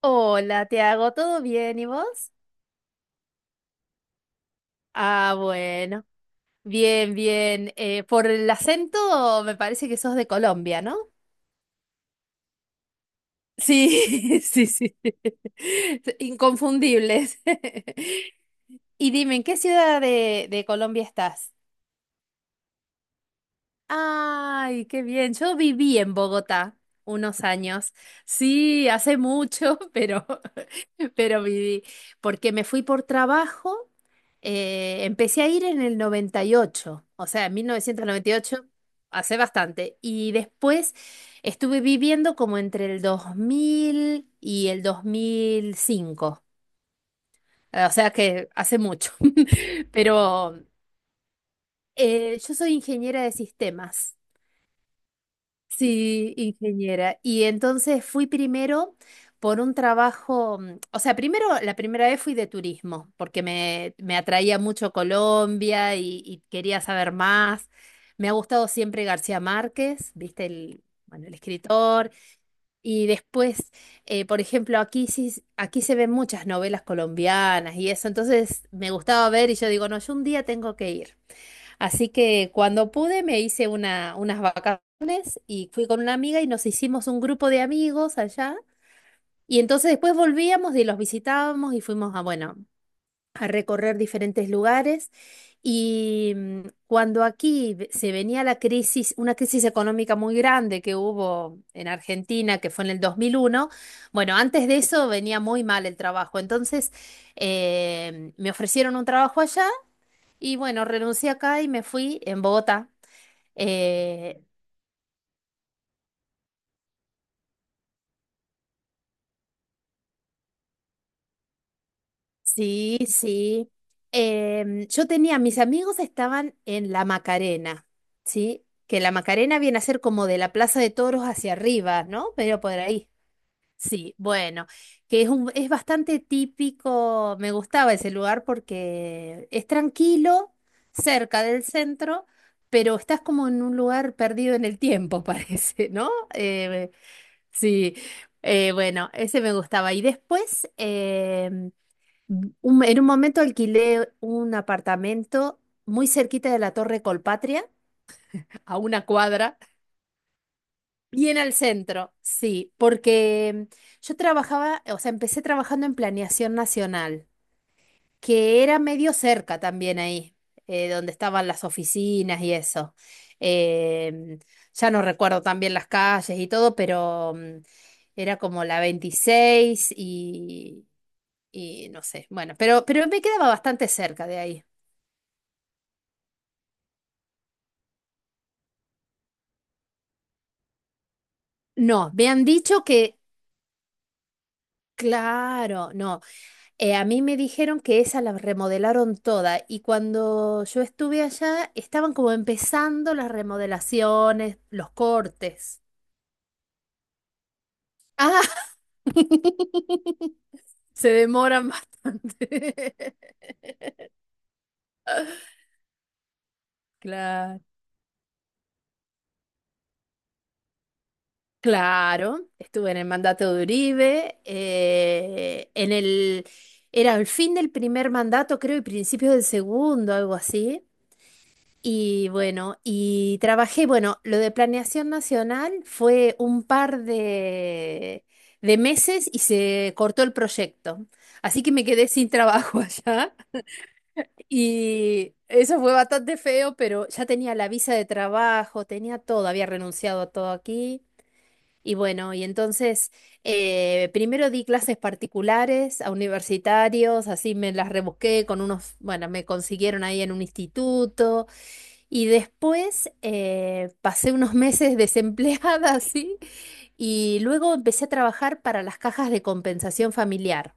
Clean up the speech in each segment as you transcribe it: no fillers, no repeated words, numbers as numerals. Hola, te hago, ¿todo bien? ¿Y vos? Ah, bueno, bien, bien. Por el acento me parece que sos de Colombia, ¿no? Sí, sí, sí. Inconfundibles. Y dime, ¿en qué ciudad de Colombia estás? Ay, qué bien. Yo viví en Bogotá unos años. Sí, hace mucho, pero viví. Porque me fui por trabajo. Empecé a ir en el 98, o sea, en 1998, hace bastante. Y después estuve viviendo como entre el 2000 y el 2005. O sea que hace mucho. Pero yo soy ingeniera de sistemas. Sí, ingeniera. Y entonces fui primero por un trabajo, o sea, primero la primera vez fui de turismo, porque me atraía mucho Colombia y quería saber más. Me ha gustado siempre García Márquez, viste, el, bueno, el escritor. Y después, por ejemplo, aquí sí, aquí se ven muchas novelas colombianas y eso, entonces me gustaba ver y yo digo, no, yo un día tengo que ir. Así que cuando pude me hice una, unas vacaciones y fui con una amiga y nos hicimos un grupo de amigos allá. Y entonces después volvíamos y los visitábamos y fuimos a, bueno, a recorrer diferentes lugares. Y cuando aquí se venía la crisis, una crisis económica muy grande que hubo en Argentina, que fue en el 2001, bueno, antes de eso venía muy mal el trabajo. Entonces me ofrecieron un trabajo allá y bueno, renuncié acá y me fui en Bogotá. Eh, sí, sí. Yo tenía, mis amigos estaban en la Macarena, ¿sí? Que la Macarena viene a ser como de la Plaza de Toros hacia arriba, ¿no? Pero por ahí. Sí, bueno, que es un, es bastante típico, me gustaba ese lugar porque es tranquilo, cerca del centro, pero estás como en un lugar perdido en el tiempo, parece, ¿no? Sí, bueno, ese me gustaba. Y después, en un momento alquilé un apartamento muy cerquita de la Torre Colpatria, a una cuadra, bien al centro, sí, porque yo trabajaba, o sea, empecé trabajando en Planeación Nacional, que era medio cerca también ahí, donde estaban las oficinas y eso. Em, ya no recuerdo también las calles y todo, pero era como la 26 y no sé, bueno, pero me quedaba bastante cerca de ahí. No, me han dicho que, claro, no. A mí me dijeron que esa la remodelaron toda y cuando yo estuve allá estaban como empezando las remodelaciones, los cortes. Ah, se demoran bastante. Claro. Claro, estuve en el mandato de Uribe, en el, era el fin del primer mandato, creo, y principio del segundo, algo así. Y bueno, y trabajé, bueno, lo de planeación nacional fue un par de meses y se cortó el proyecto. Así que me quedé sin trabajo allá y eso fue bastante feo, pero ya tenía la visa de trabajo, tenía todo, había renunciado a todo aquí. Y bueno, y entonces primero di clases particulares a universitarios, así me las rebusqué con unos, bueno, me consiguieron ahí en un instituto. Y después pasé unos meses desempleada, así. Y luego empecé a trabajar para las cajas de compensación familiar.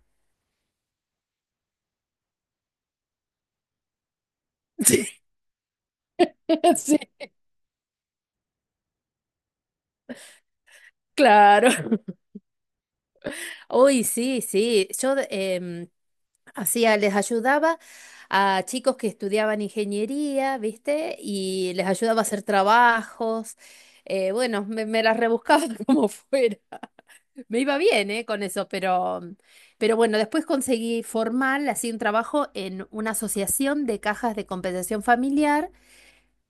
Sí, sí, claro. Uy, sí, sí. Yo hacía, les ayudaba a chicos que estudiaban ingeniería, ¿viste? Y les ayudaba a hacer trabajos. Bueno, me, me las rebuscaba como fuera. Me iba bien, con eso, pero bueno, después conseguí formal, así un trabajo en una asociación de cajas de compensación familiar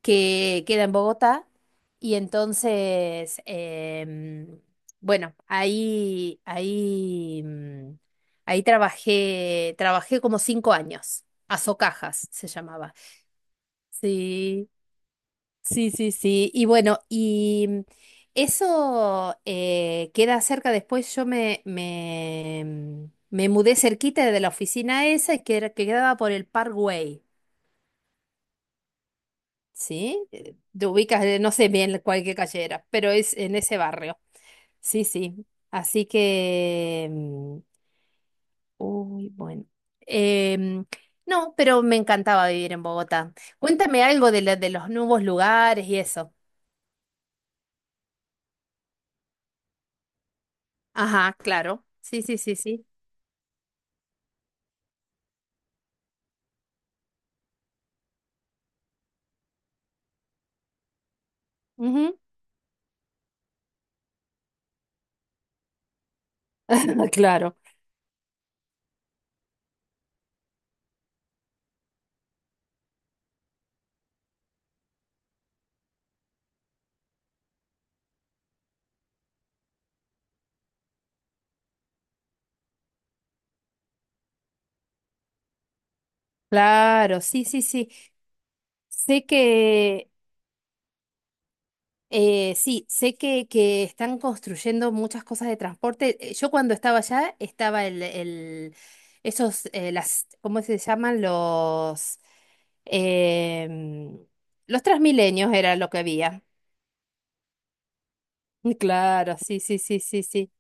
que queda en Bogotá. Y entonces, bueno, ahí trabajé, trabajé como 5 años. Azocajas se llamaba. Sí. Sí, sí, sí. Y bueno, y eso queda cerca. Después yo me, me mudé cerquita de la oficina esa y que, que quedaba por el Parkway, ¿sí? Te ubicas, no sé bien cuál qué calle era, pero es en ese barrio. Sí, sí. Así que, uy, bueno. Em, no, pero me encantaba vivir en Bogotá. Cuéntame algo de, de los nuevos lugares y eso. Ajá, claro. Sí, sí, sí, sí. Ujú. Claro, claro, sí, sí, sí. Sé que, sí, sé que están construyendo muchas cosas de transporte. Yo cuando estaba allá estaba el, esos, las, ¿cómo se llaman? Los, em, los Transmilenios era lo que había. Claro, sí, sí, sí, sí, sí.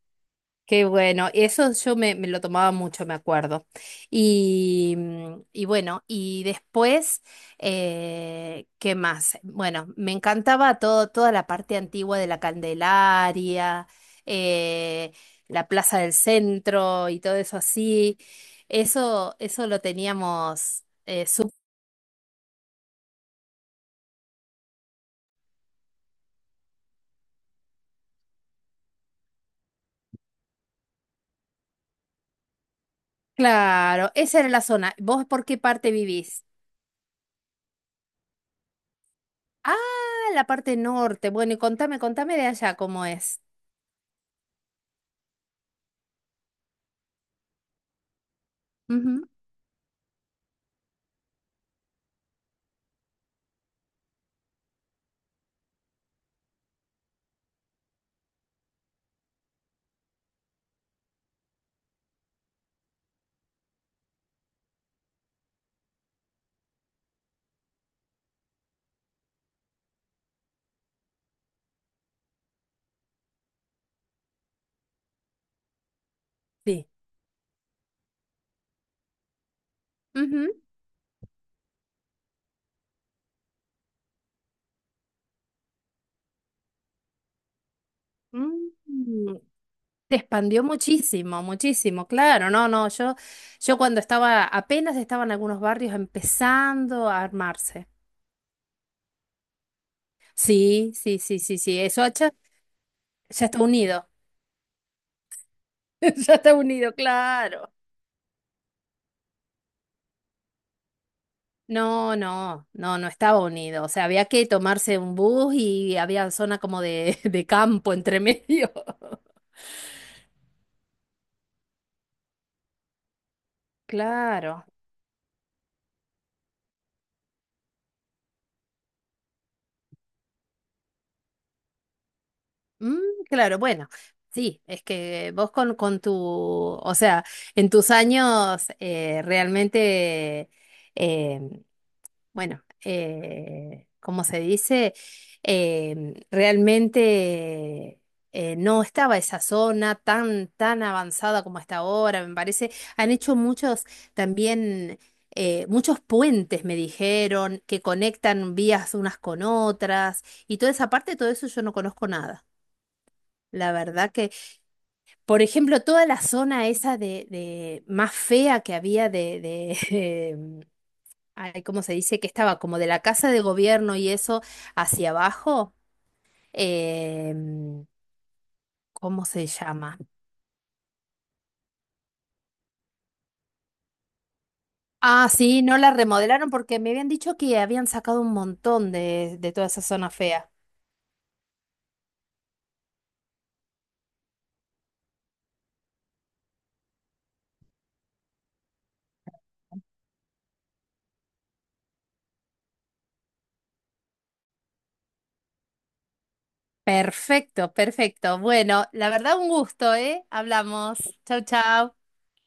Qué bueno, eso yo me, me lo tomaba mucho, me acuerdo. Y, y bueno, y después, ¿qué más? Bueno, me encantaba todo, toda la parte antigua de la Candelaria, eh, la Plaza del Centro y todo eso así. Eso lo teníamos Claro, esa era la zona. ¿Vos por qué parte vivís? Ah, la parte norte. Bueno, y contame, contame de allá cómo es. Ujú. Sí. Ujú. Mm, Se expandió muchísimo, muchísimo, claro, no, no, yo cuando estaba, apenas estaban algunos barrios empezando a armarse. Sí, sí, sí, sí, sí, eso ya, ya está unido, ya está unido, claro. No, no, no, no estaba unido, o sea, había que tomarse un bus y había zona como de, de campo entre medio. Claro. Mm, claro, bueno, sí, es que vos con tu, o sea, en tus años realmente, eh, bueno, ¿cómo se dice? Realmente no estaba esa zona tan, tan avanzada como está ahora, me parece. Han hecho muchos también, muchos puentes, me dijeron, que conectan vías unas con otras, y toda esa parte, todo eso yo no conozco nada. La verdad que, por ejemplo, toda la zona esa de más fea que había de ay, ¿cómo se dice? Que estaba como de la casa de gobierno y eso hacia abajo. em, ¿Cómo se llama? Ah, sí, no la remodelaron porque me habían dicho que habían sacado un montón de toda esa zona fea. Perfecto, perfecto. Bueno, la verdad un gusto, ¿eh? Hablamos. Chau, chau.